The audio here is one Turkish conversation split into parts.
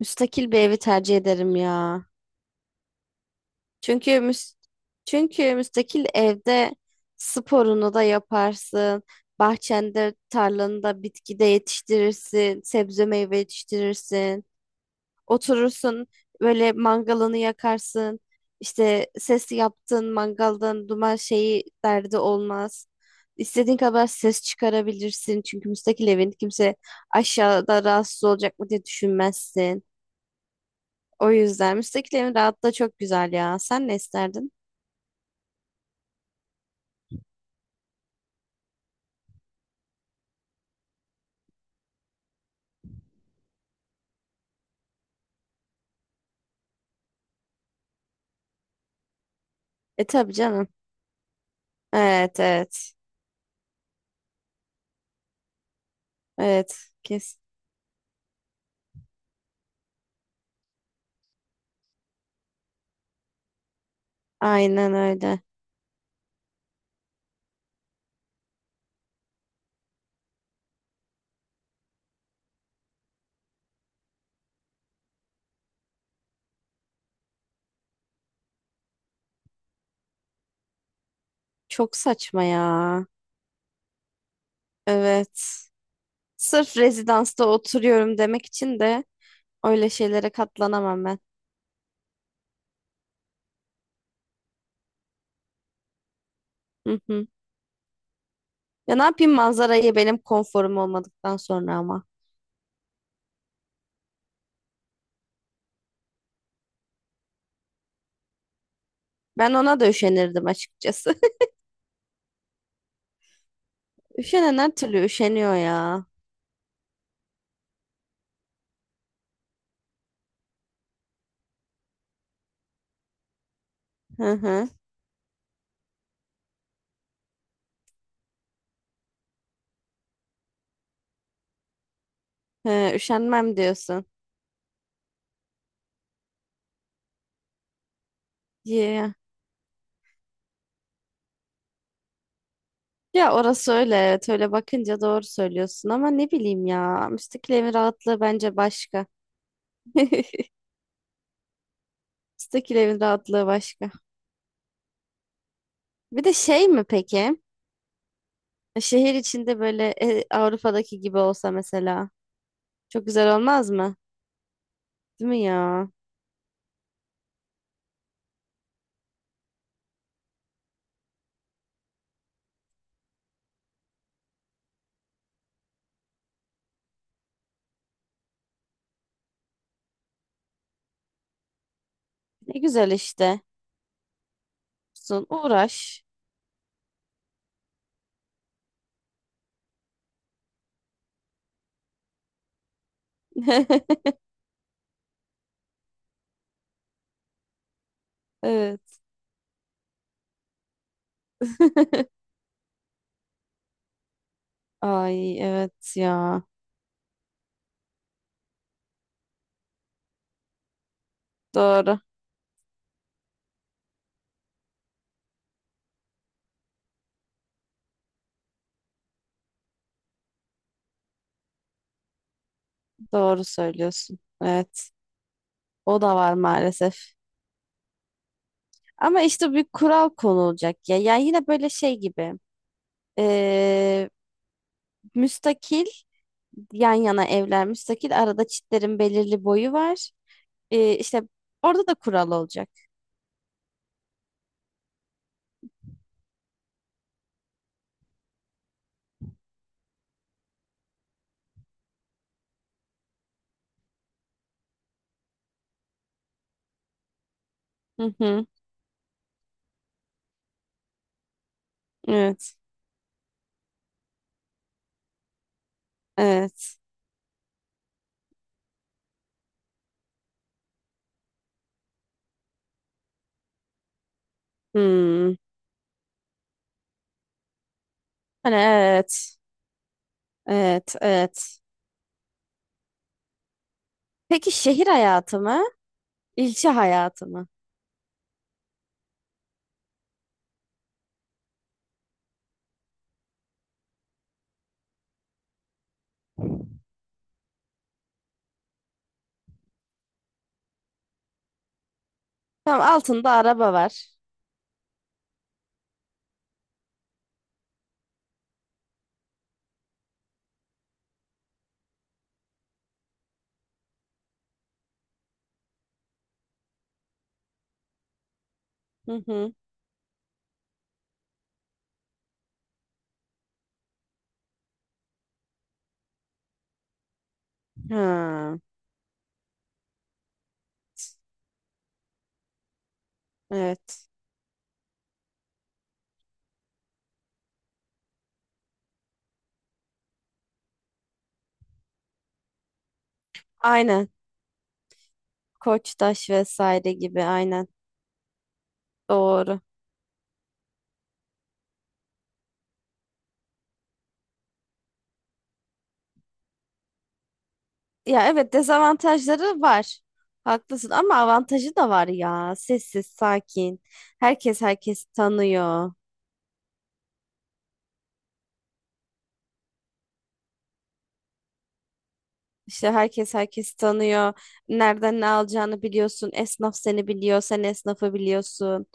Müstakil bir evi tercih ederim ya. Çünkü çünkü müstakil evde sporunu da yaparsın. Bahçende, tarlanında bitki de yetiştirirsin, sebze meyve yetiştirirsin. Oturursun böyle mangalını yakarsın. İşte ses yaptığın mangaldan duman şeyi derdi olmaz. İstediğin kadar ses çıkarabilirsin. Çünkü müstakil evin kimse aşağıda rahatsız olacak mı diye düşünmezsin. O yüzden müstakil evin rahatlığı çok güzel ya. Sen ne isterdin? E tabii canım. Evet evet. Evet. Kes. Aynen öyle. Çok saçma ya. Evet. Sırf rezidansta oturuyorum demek için de öyle şeylere katlanamam ben. Hı hı. Ya ne yapayım manzarayı benim konforum olmadıktan sonra ama. Ben ona da üşenirdim açıkçası. Üşenen her türlü üşeniyor ya. Hı hı. He, üşenmem diyorsun. Ya. Ya orası öyle evet öyle bakınca doğru söylüyorsun ama ne bileyim ya müstakil evin rahatlığı bence başka. Müstakil evin rahatlığı başka. Bir de şey mi peki? Şehir içinde böyle Avrupa'daki gibi olsa mesela çok güzel olmaz mı? Değil mi ya? Ne güzel işte. Sun uğraş. Evet. Ay evet ya. Doğru. Doğru söylüyorsun. Evet. O da var maalesef. Ama işte bir kural konulacak ya. Yani yine böyle şey gibi. Ee, Müstakil yan yana evler müstakil. Arada çitlerin belirli boyu var. İşte orada da kural olacak. Hı hı. Evet. Evet. Hmm. Hani evet. Evet. Evet. Peki şehir hayatı mı? İlçe hayatı mı? Tam altında araba var. Hı hı. Ha, evet. Aynen. Koçtaş vesaire gibi aynen. Doğru. Ya evet dezavantajları var. Haklısın ama avantajı da var ya. Sessiz, sakin. Herkes herkesi tanıyor. İşte herkes herkesi tanıyor. Nereden ne alacağını biliyorsun. Esnaf seni biliyor. Sen esnafı biliyorsun.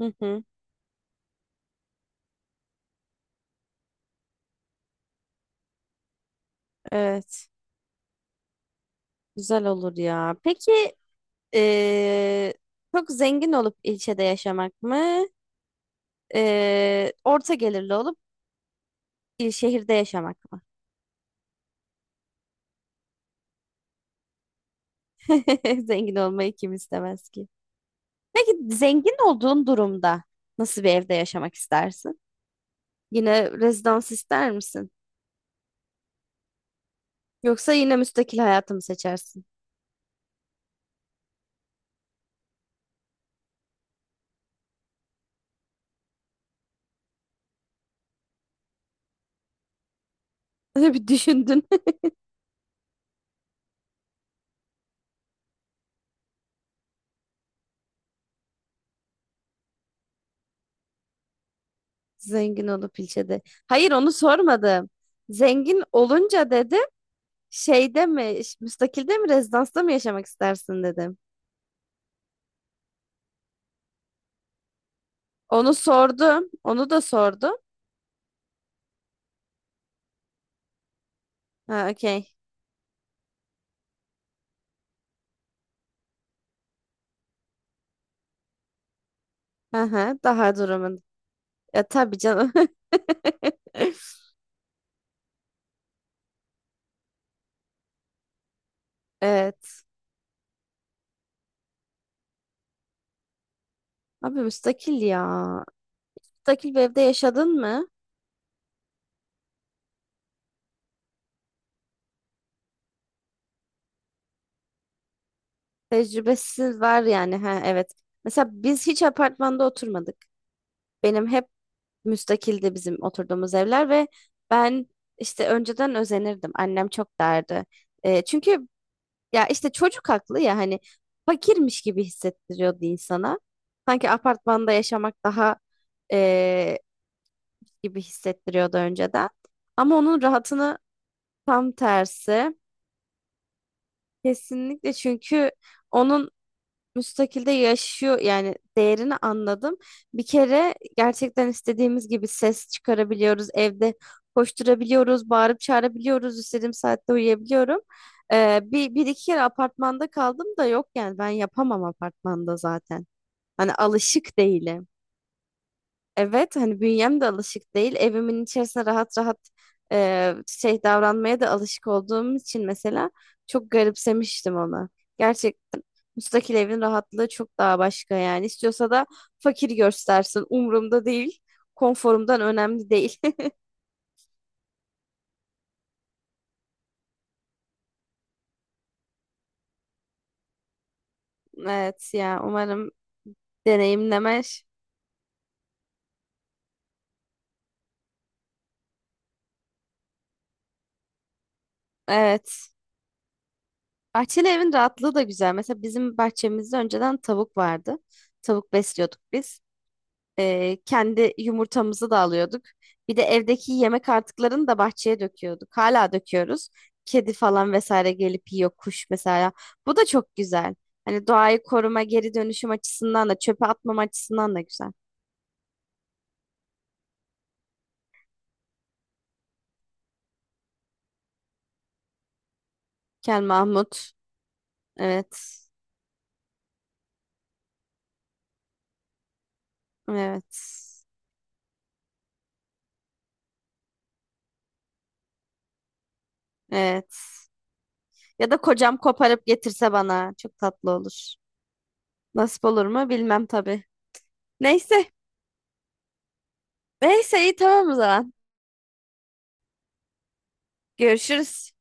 Hı hı. Evet. Güzel olur ya. Peki Ee, çok zengin olup ilçede yaşamak mı? Orta gelirli olup il şehirde yaşamak mı? Zengin olmayı kim istemez ki? Peki zengin olduğun durumda nasıl bir evde yaşamak istersin? Yine rezidans ister misin? Yoksa yine müstakil hayatı mı seçersin? Öyle bir düşündün. Zengin olup ilçede. Hayır onu sormadım. Zengin olunca dedim şeyde mi, müstakilde mi, rezidansta mı yaşamak istersin dedim. Onu sordum. Onu da sordum. Ha, okey. Hı hı, daha durumun. Ya tabii canım. Evet. Abi müstakil ya. Müstakil bir evde yaşadın mı? Tecrübesiz var yani. Ha, evet. Mesela biz hiç apartmanda oturmadık. Benim hep müstakildi bizim oturduğumuz evler ve ben işte önceden özenirdim. Annem çok derdi. E, çünkü ya işte çocuk haklı ya hani fakirmiş gibi hissettiriyordu insana. Sanki apartmanda yaşamak daha eee, gibi hissettiriyordu önceden. Ama onun rahatını tam tersi. Kesinlikle çünkü onun müstakilde yaşıyor yani değerini anladım. Bir kere gerçekten istediğimiz gibi ses çıkarabiliyoruz. Evde koşturabiliyoruz, bağırıp çağırabiliyoruz. İstediğim saatte uyuyabiliyorum. Bir iki kere apartmanda kaldım da yok yani ben yapamam apartmanda zaten. Hani alışık değilim. Evet hani bünyem de alışık değil. Evimin içerisinde rahat rahat şey davranmaya da alışık olduğum için mesela çok garipsemiştim onu. Gerçekten müstakil evin rahatlığı çok daha başka yani. İstiyorsa da fakir göstersin. Umurumda değil. Konforumdan önemli değil. Evet ya umarım deneyimlemer. Evet. Bahçeli evin rahatlığı da güzel. Mesela bizim bahçemizde önceden tavuk vardı. Tavuk besliyorduk biz. Kendi yumurtamızı da alıyorduk. Bir de evdeki yemek artıklarını da bahçeye döküyorduk. Hala döküyoruz. Kedi falan vesaire gelip yiyor, kuş mesela. Bu da çok güzel. Hani doğayı koruma, geri dönüşüm açısından da çöpe atmam açısından da güzel. Kel Mahmut. Evet. Evet. Evet. Ya da kocam koparıp getirse bana çok tatlı olur. Nasip olur mu bilmem tabii. Neyse. Neyse iyi tamam o zaman. Görüşürüz.